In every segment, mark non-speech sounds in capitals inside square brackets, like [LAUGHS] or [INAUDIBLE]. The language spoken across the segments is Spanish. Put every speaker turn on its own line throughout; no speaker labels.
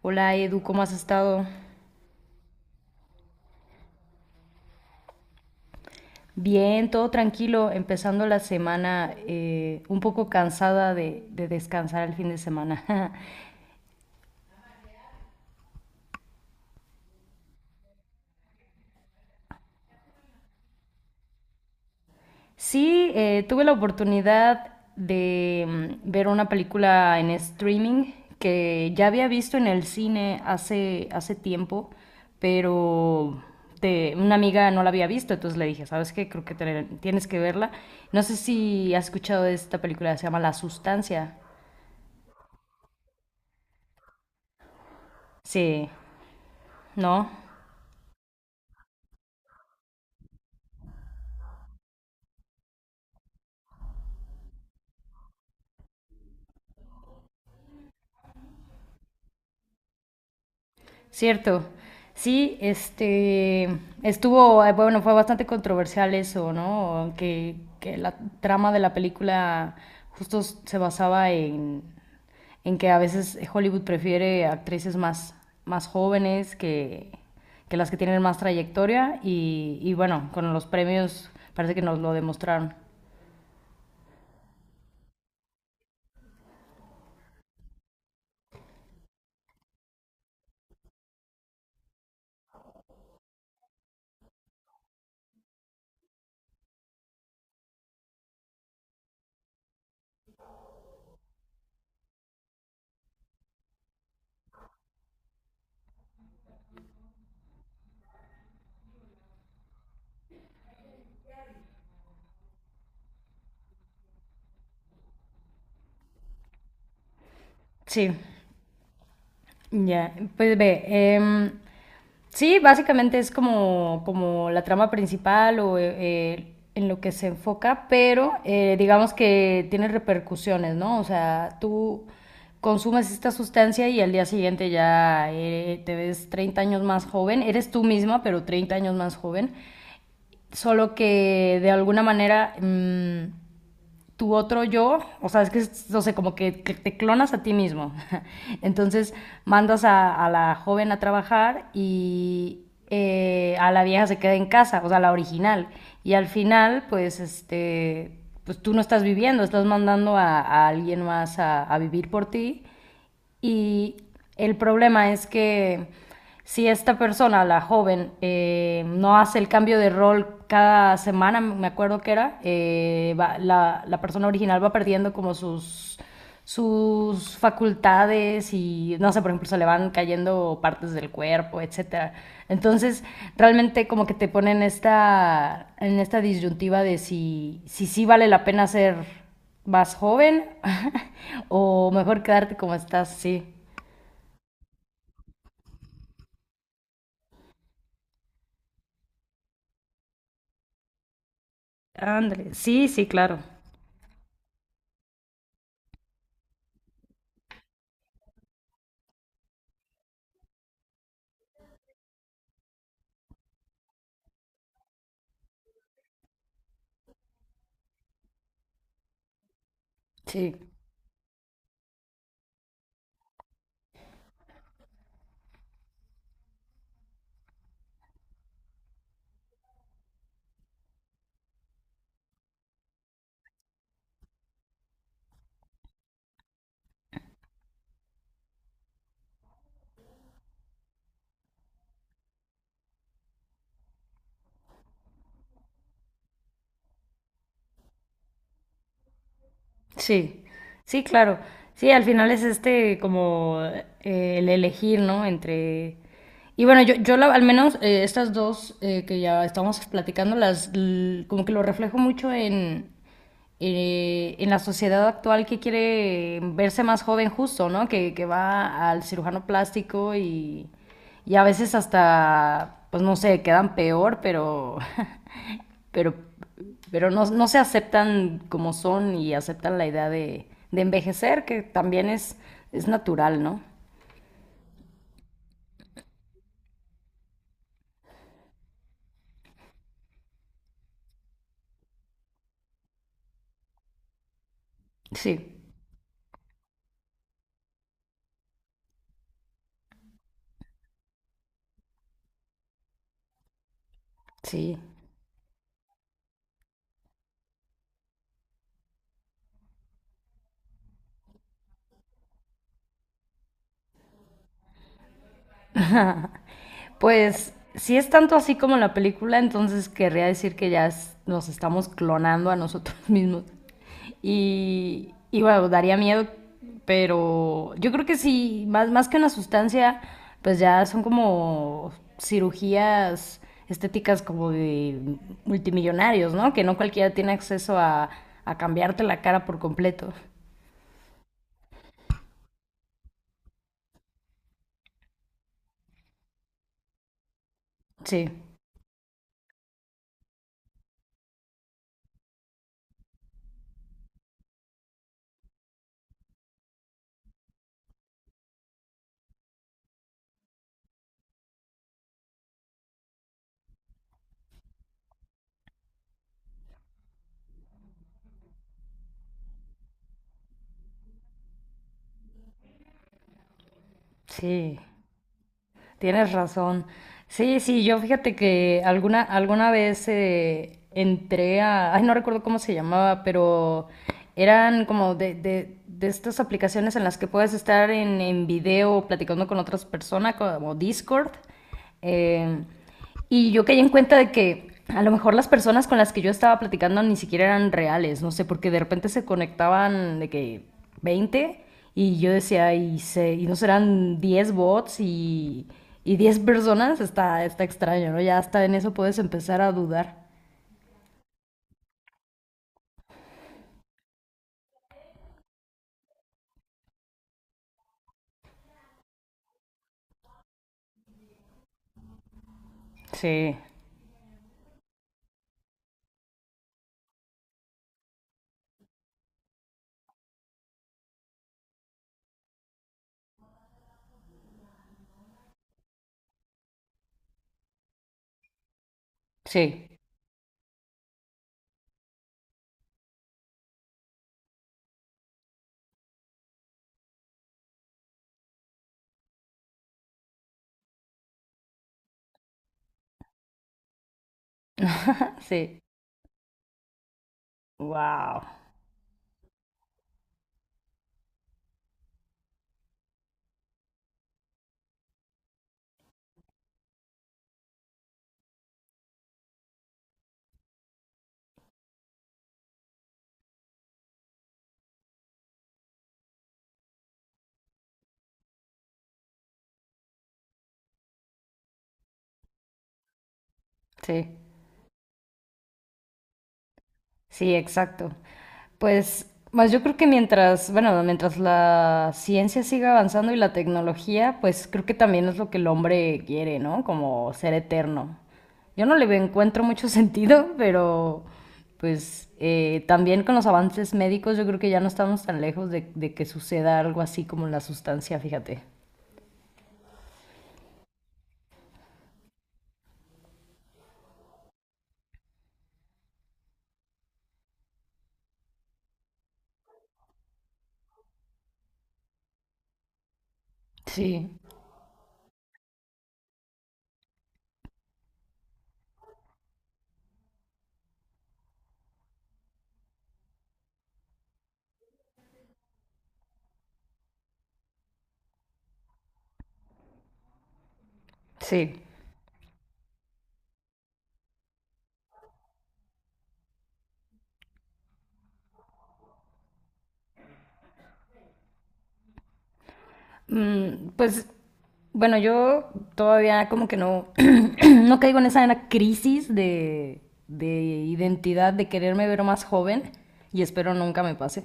Hola Edu, ¿cómo has estado? Bien, todo tranquilo, empezando la semana un poco cansada de descansar el fin de semana. [LAUGHS] Sí, tuve la oportunidad de ver una película en streaming que ya había visto en el cine hace tiempo, pero una amiga no la había visto, entonces le dije, ¿sabes qué? Creo que tienes que verla. No sé si has escuchado de esta película, se llama La Sustancia. Sí, ¿no? Cierto. Sí, este estuvo, bueno, fue bastante controversial eso, ¿no? Que la trama de la película justo se basaba en que a veces Hollywood prefiere actrices más, más jóvenes que las que tienen más trayectoria y bueno, con los premios parece que nos lo demostraron. Sí. Ya, pues ve, em, sí, básicamente es como, como la trama principal o en lo que se enfoca, pero digamos que tiene repercusiones, ¿no? O sea, tú consumes esta sustancia y al día siguiente ya te ves 30 años más joven, eres tú misma, pero 30 años más joven, solo que de alguna manera tu otro yo, o sea, no sé, como que te clonas a ti mismo. [LAUGHS] Entonces mandas a la joven a trabajar y a la vieja se queda en casa, o sea, la original. Y al final, pues, este, pues tú no estás viviendo, estás mandando a alguien más a vivir por ti y el problema es que si esta persona, la joven, no hace el cambio de rol cada semana, me acuerdo que era, la persona original va perdiendo como sus, sus facultades y, no sé, por ejemplo, se le van cayendo partes del cuerpo, etcétera. Entonces, realmente como que te ponen esta, en esta disyuntiva de si, si sí vale la pena ser más joven [LAUGHS] o mejor quedarte como estás, sí. Ándale, sí, sí, claro. Sí. Sí, sí, claro. Sí, al final es este como el elegir, ¿no? Entre... Y bueno, yo, al menos estas dos que ya estamos platicando, como que lo reflejo mucho en la sociedad actual que quiere verse más joven justo, ¿no? Que va al cirujano plástico y a veces hasta, pues no sé, quedan peor, pero [LAUGHS] pero, pero no, no se aceptan como son y aceptan la idea de envejecer, que también es natural, ¿no? Sí, sí. Pues si es tanto así como la película, entonces querría decir que nos estamos clonando a nosotros [LAUGHS] mismos. Y bueno, daría miedo, pero yo creo que sí, más, más que una sustancia, pues ya son como cirugías estéticas como de multimillonarios, ¿no? Que no cualquiera tiene acceso a cambiarte la cara por completo. Sí, sí. Tienes razón. Sí, sí, yo fíjate que alguna vez entré a, ay, no recuerdo cómo se llamaba, pero eran como de estas aplicaciones en las que puedes estar en video platicando con otras personas, como Discord. Eh, y yo caí en cuenta de que a lo mejor las personas con las que yo estaba platicando ni siquiera eran reales, no sé, porque de repente se conectaban de que 20 y yo decía, y no serán 10 bots y 10 personas, está, está extraño, ¿no? Ya hasta en eso puedes empezar a dudar. Sí, sí, [LAUGHS] sí, wow, sí. Sí, exacto. Pues, más yo creo que mientras, bueno, mientras la ciencia siga avanzando y la tecnología, pues creo que también es lo que el hombre quiere, ¿no? Como ser eterno. Yo no encuentro mucho [LAUGHS] sentido, pero pues también con los avances médicos yo creo que ya no estamos tan lejos de que suceda algo así como la sustancia, fíjate. Sí, sí. Pues bueno, yo todavía como que no, [CLEARS THROAT] no caigo en esa en la crisis de identidad, de quererme ver más joven y espero nunca me pase.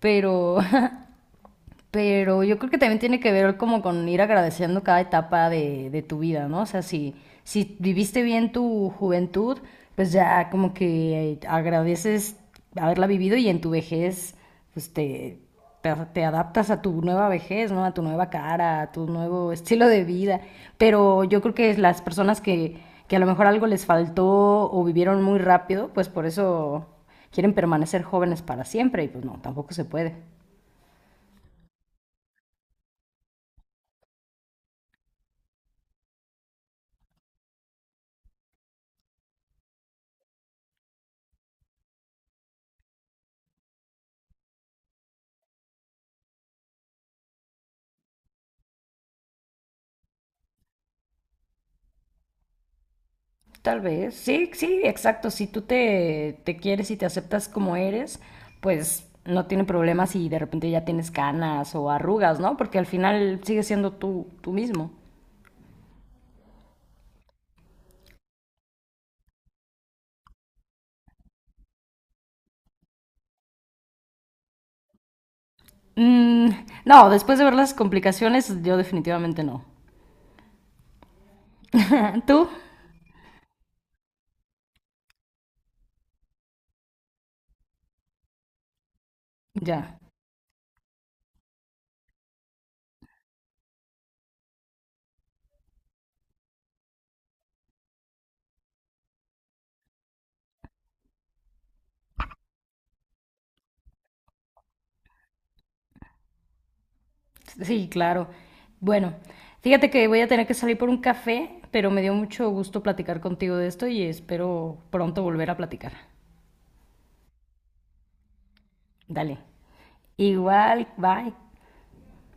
Pero [LAUGHS] pero yo creo que también tiene que ver como con ir agradeciendo cada etapa de tu vida, ¿no? O sea, si, si viviste bien tu juventud, pues ya como que agradeces haberla vivido y en tu vejez, pues te adaptas a tu nueva vejez, ¿no? A tu nueva cara, a tu nuevo [LAUGHS] estilo de vida. Pero yo creo que las personas que a lo mejor algo les faltó o vivieron muy rápido, pues por eso quieren permanecer jóvenes para siempre y pues no, tampoco se puede. Tal vez, sí, sí, exacto. Si tú te quieres y te aceptas como eres, pues no tiene problema si de repente ya tienes canas o arrugas, ¿no? Porque al final sigues siendo tú, tú mismo. Mm, no, después de ver las complicaciones, yo definitivamente no. [LAUGHS] ¿Tú? Ya. Sí, claro. Bueno, fíjate que voy a tener que salir por un café, pero me dio mucho gusto platicar contigo de esto y espero pronto volver a platicar. Dale. Igual, bye.